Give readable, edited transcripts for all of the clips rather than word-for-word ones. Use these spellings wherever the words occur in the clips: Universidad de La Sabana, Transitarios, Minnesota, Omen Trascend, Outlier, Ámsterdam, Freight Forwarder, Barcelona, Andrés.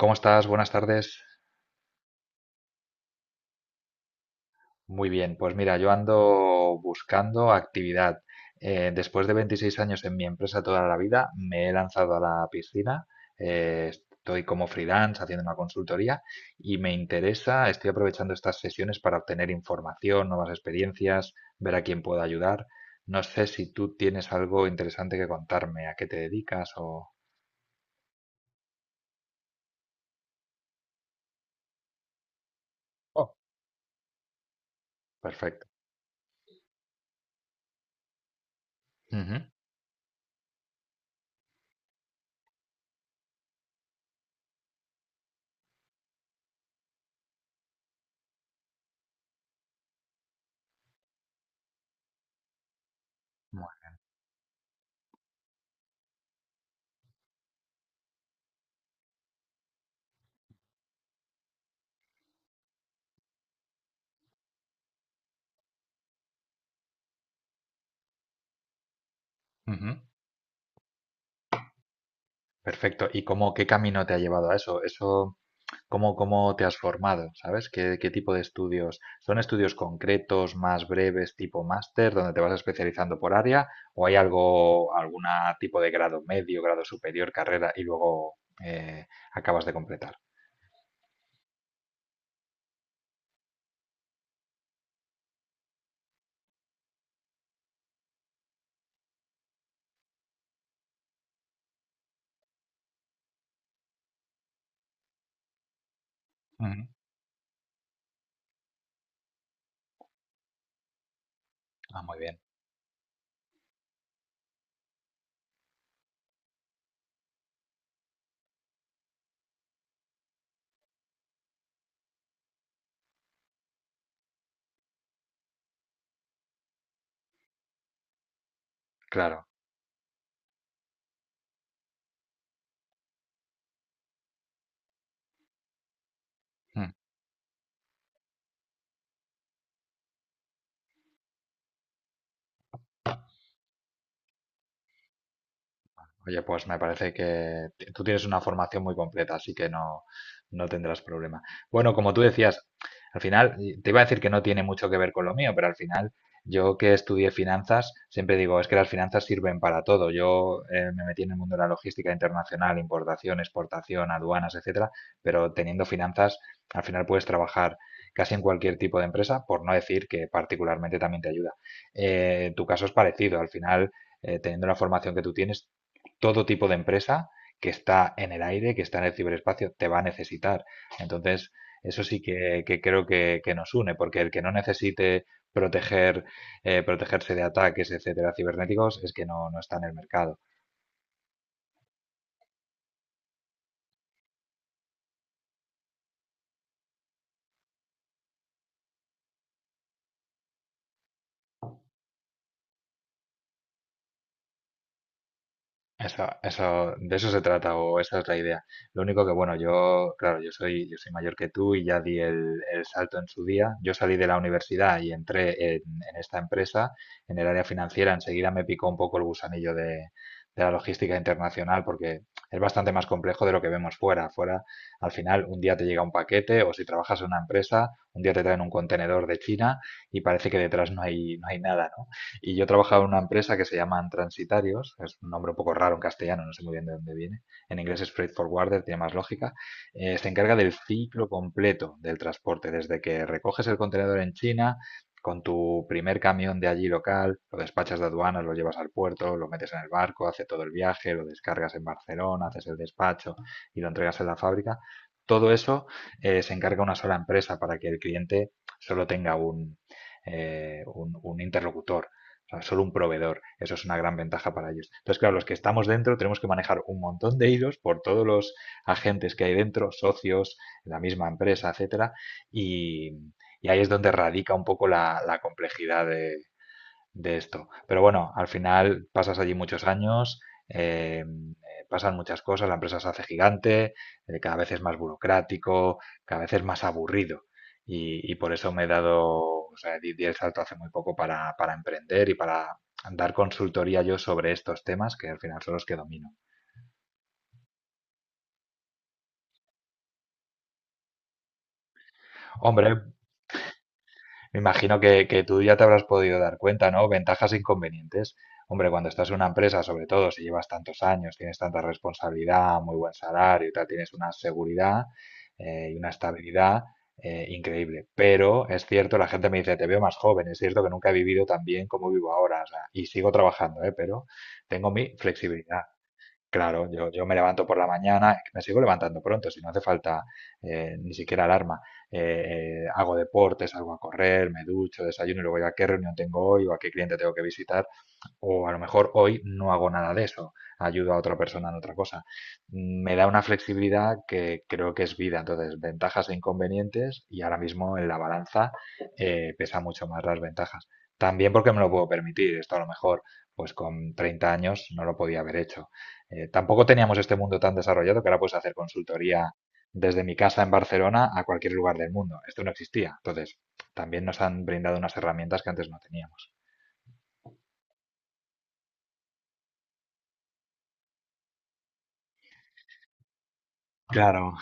¿Cómo estás? Buenas tardes. Muy bien, pues mira, yo ando buscando actividad. Después de 26 años en mi empresa toda la vida, me he lanzado a la piscina. Estoy como freelance haciendo una consultoría y me interesa, estoy aprovechando estas sesiones para obtener información, nuevas experiencias, ver a quién puedo ayudar. No sé si tú tienes algo interesante que contarme, a qué te dedicas o. Oh, perfecto. Ujú. Bueno, ujú. Perfecto. ¿Y cómo, qué camino te ha llevado a eso? ¿Cómo te has formado? ¿Sabes? ¿Qué tipo de estudios? ¿Son estudios concretos, más breves, tipo máster, donde te vas especializando por área? ¿O hay algo, algún tipo de grado medio, grado superior, carrera y luego eh, acabas de completar? Ujú. Ah, muy bien, claro. Oye, pues me parece que tú tienes una formación muy completa, así que no, no tendrás problema. Bueno, como tú decías, al final, y te iba a decir que no tiene mucho que ver con lo mío, pero al final, yo que estudié finanzas, siempre digo, es que las finanzas sirven para todo. Yo me metí en el mundo de la logística internacional, importación, exportación, aduanas, etcétera, pero teniendo finanzas, al final puedes trabajar casi en cualquier tipo de empresa, por no decir que particularmente también te ayuda. Tu caso es parecido, al final teniendo la formación que tú tienes, todo tipo de empresa que está en el aire, que está en el ciberespacio, te va a necesitar. Entonces, eso sí que creo que nos une, porque el que no necesite proteger, protegerse de ataques, etcétera, cibernéticos, es que no, no está en el mercado. Eso, de eso se trata, o esa es la idea. Lo único que, bueno, yo, claro, yo soy mayor que tú y ya di el salto en su día. Yo salí de la universidad y entré en esta empresa, en el área financiera. Enseguida me picó un poco el gusanillo de la logística internacional porque es bastante más complejo de lo que vemos fuera. Fuera, al final, un día te llega un paquete o si trabajas en una empresa, un día te traen un contenedor de China y parece que detrás no hay, no hay nada, y yo trabajaba en una empresa que se llaman Transitarios, es un nombre un poco raro en castellano, no sé muy bien de dónde viene. En inglés es Freight Forwarder, tiene más lógica. Se encarga del ciclo completo del transporte, desde que recoges el contenedor en China, con tu primer camión de allí local, lo despachas de aduanas, lo llevas al puerto, lo metes en el barco, hace todo el viaje, lo descargas en Barcelona, haces el despacho y lo entregas en la fábrica. Todo eso se encarga una sola empresa para que el cliente solo tenga un interlocutor, o sea, solo un proveedor. Eso es una gran ventaja para ellos. Entonces, claro, los que estamos dentro tenemos que manejar un montón de hilos por todos los agentes que hay dentro, socios, la misma empresa, etcétera, y, y ahí es donde radica un poco la complejidad de esto. Pero bueno, al final pasas allí muchos años, eh, pasan muchas cosas, la empresa se hace gigante, cada vez es más burocrático, cada vez es más aburrido. Y por eso me he dado, o sea, di el salto hace muy poco para emprender y para dar consultoría yo sobre estos temas, que al final son los que domino. Hombre, me imagino que tú ya te habrás podido dar cuenta, ¿no? Ventajas e inconvenientes. Hombre, cuando estás en una empresa, sobre todo si llevas tantos años, tienes tanta responsabilidad, muy buen salario y tal, tienes una seguridad y una estabilidad increíble. Pero es cierto, la gente me dice, te veo más joven, es cierto que nunca he vivido tan bien como vivo ahora, o sea, y sigo trabajando, ¿eh? Pero tengo mi flexibilidad. Claro, yo me levanto por la mañana, me sigo levantando pronto, si no hace falta ni siquiera alarma. Hago deportes, salgo a correr, me ducho, desayuno y luego ya qué reunión tengo hoy o a qué cliente tengo que visitar o a lo mejor hoy no hago nada de eso, ayudo a otra persona en otra cosa. Me da una flexibilidad que creo que es vida. Entonces, ventajas e inconvenientes y ahora mismo en la balanza pesa mucho más las ventajas. También porque me lo puedo permitir. Esto a lo mejor, pues con 30 años no lo podía haber hecho. Tampoco teníamos este mundo tan desarrollado que ahora puedes hacer consultoría desde mi casa en Barcelona a cualquier lugar del mundo. Esto no existía. Entonces, también nos han brindado unas herramientas que antes no teníamos. Claro,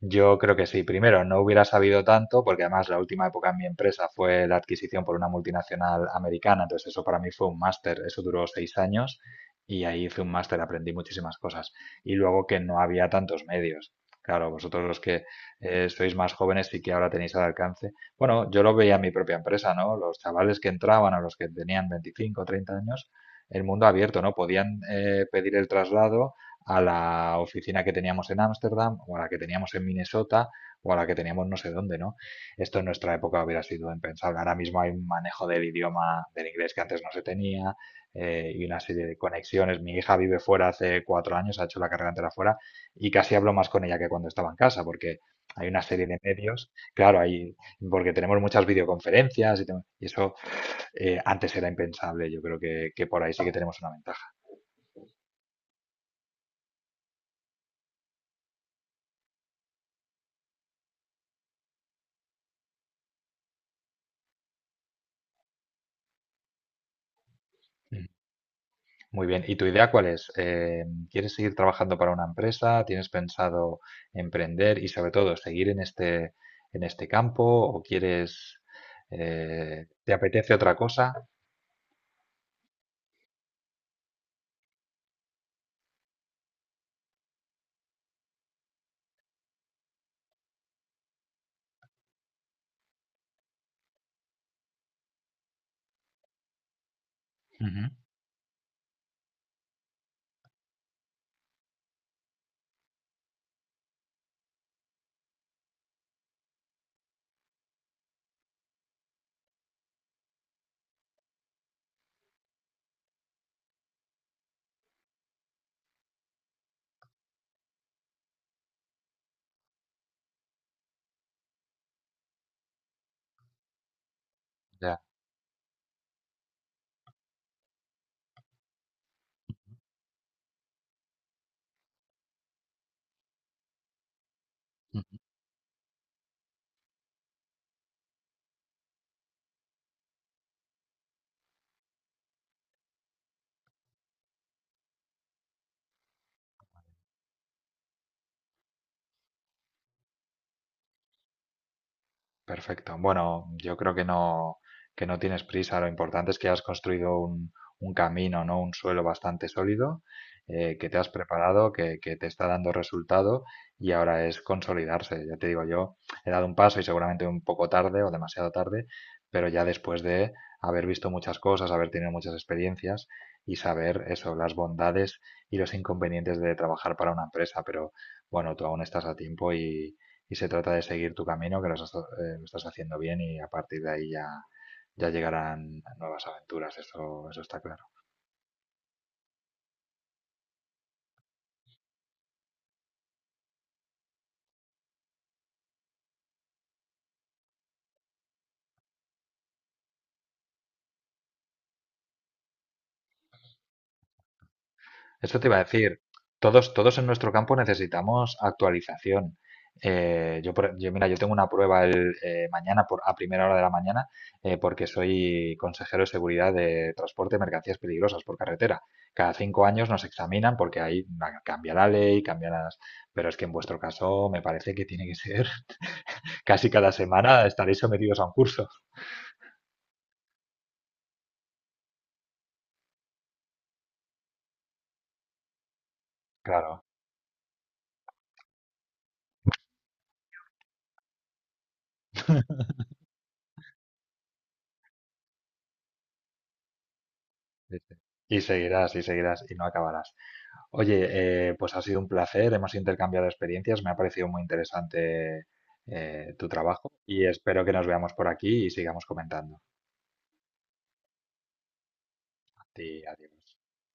yo creo que sí. Primero, no hubiera sabido tanto, porque además la última época en mi empresa fue la adquisición por una multinacional americana, entonces eso para mí fue un máster, eso duró 6 años y ahí hice un máster, aprendí muchísimas cosas. Y luego que no había tantos medios. Claro, vosotros los que sois más jóvenes y que ahora tenéis al alcance. Bueno, yo lo veía en mi propia empresa, ¿no? Los chavales que entraban a los que tenían 25 o 30 años, el mundo abierto, ¿no? Podían pedir el traslado a la oficina que teníamos en Ámsterdam o a la que teníamos en Minnesota o a la que teníamos no sé dónde, ¿no? Esto en nuestra época hubiera sido impensable. Ahora mismo hay un manejo del idioma del inglés que antes no se tenía y una serie de conexiones. Mi hija vive fuera hace 4 años, ha hecho la carrera entera fuera y casi hablo más con ella que cuando estaba en casa porque hay una serie de medios, claro, hay, porque tenemos muchas videoconferencias y eso antes era impensable. Yo creo que por ahí sí que tenemos una ventaja. Muy bien, ¿y tu idea cuál es? ¿Quieres seguir trabajando para una empresa? ¿Tienes pensado emprender y sobre todo seguir en este campo? ¿O quieres, te apetece otra cosa? Ujú, ya. Perfecto. Bueno, yo creo que no tienes prisa. Lo importante es que has construido un camino, ¿no? Un suelo bastante sólido, que te has preparado, que te está dando resultado y ahora es consolidarse. Ya te digo, yo he dado un paso y seguramente un poco tarde o demasiado tarde, pero ya después de haber visto muchas cosas, haber tenido muchas experiencias y saber eso, las bondades y los inconvenientes de trabajar para una empresa. Pero bueno, tú aún estás a tiempo y se trata de seguir tu camino, que lo estás haciendo bien y a partir de ahí ya llegarán nuevas aventuras, eso está claro. Eso te iba a decir, todos en nuestro campo necesitamos actualización. Yo, mira, yo tengo una prueba mañana a primera hora de la mañana, porque soy consejero de seguridad de transporte de mercancías peligrosas por carretera. Cada 5 años nos examinan porque ahí cambia la ley, cambia las. Pero es que en vuestro caso me parece que tiene que ser casi cada semana estaréis sometidos a un curso, claro. Sí, sí. Y seguirás, y seguirás, y no acabarás. Oye, pues ha sido un placer, hemos intercambiado experiencias, me ha parecido muy interesante tu trabajo y espero que nos veamos por aquí y sigamos comentando. A ti, adiós.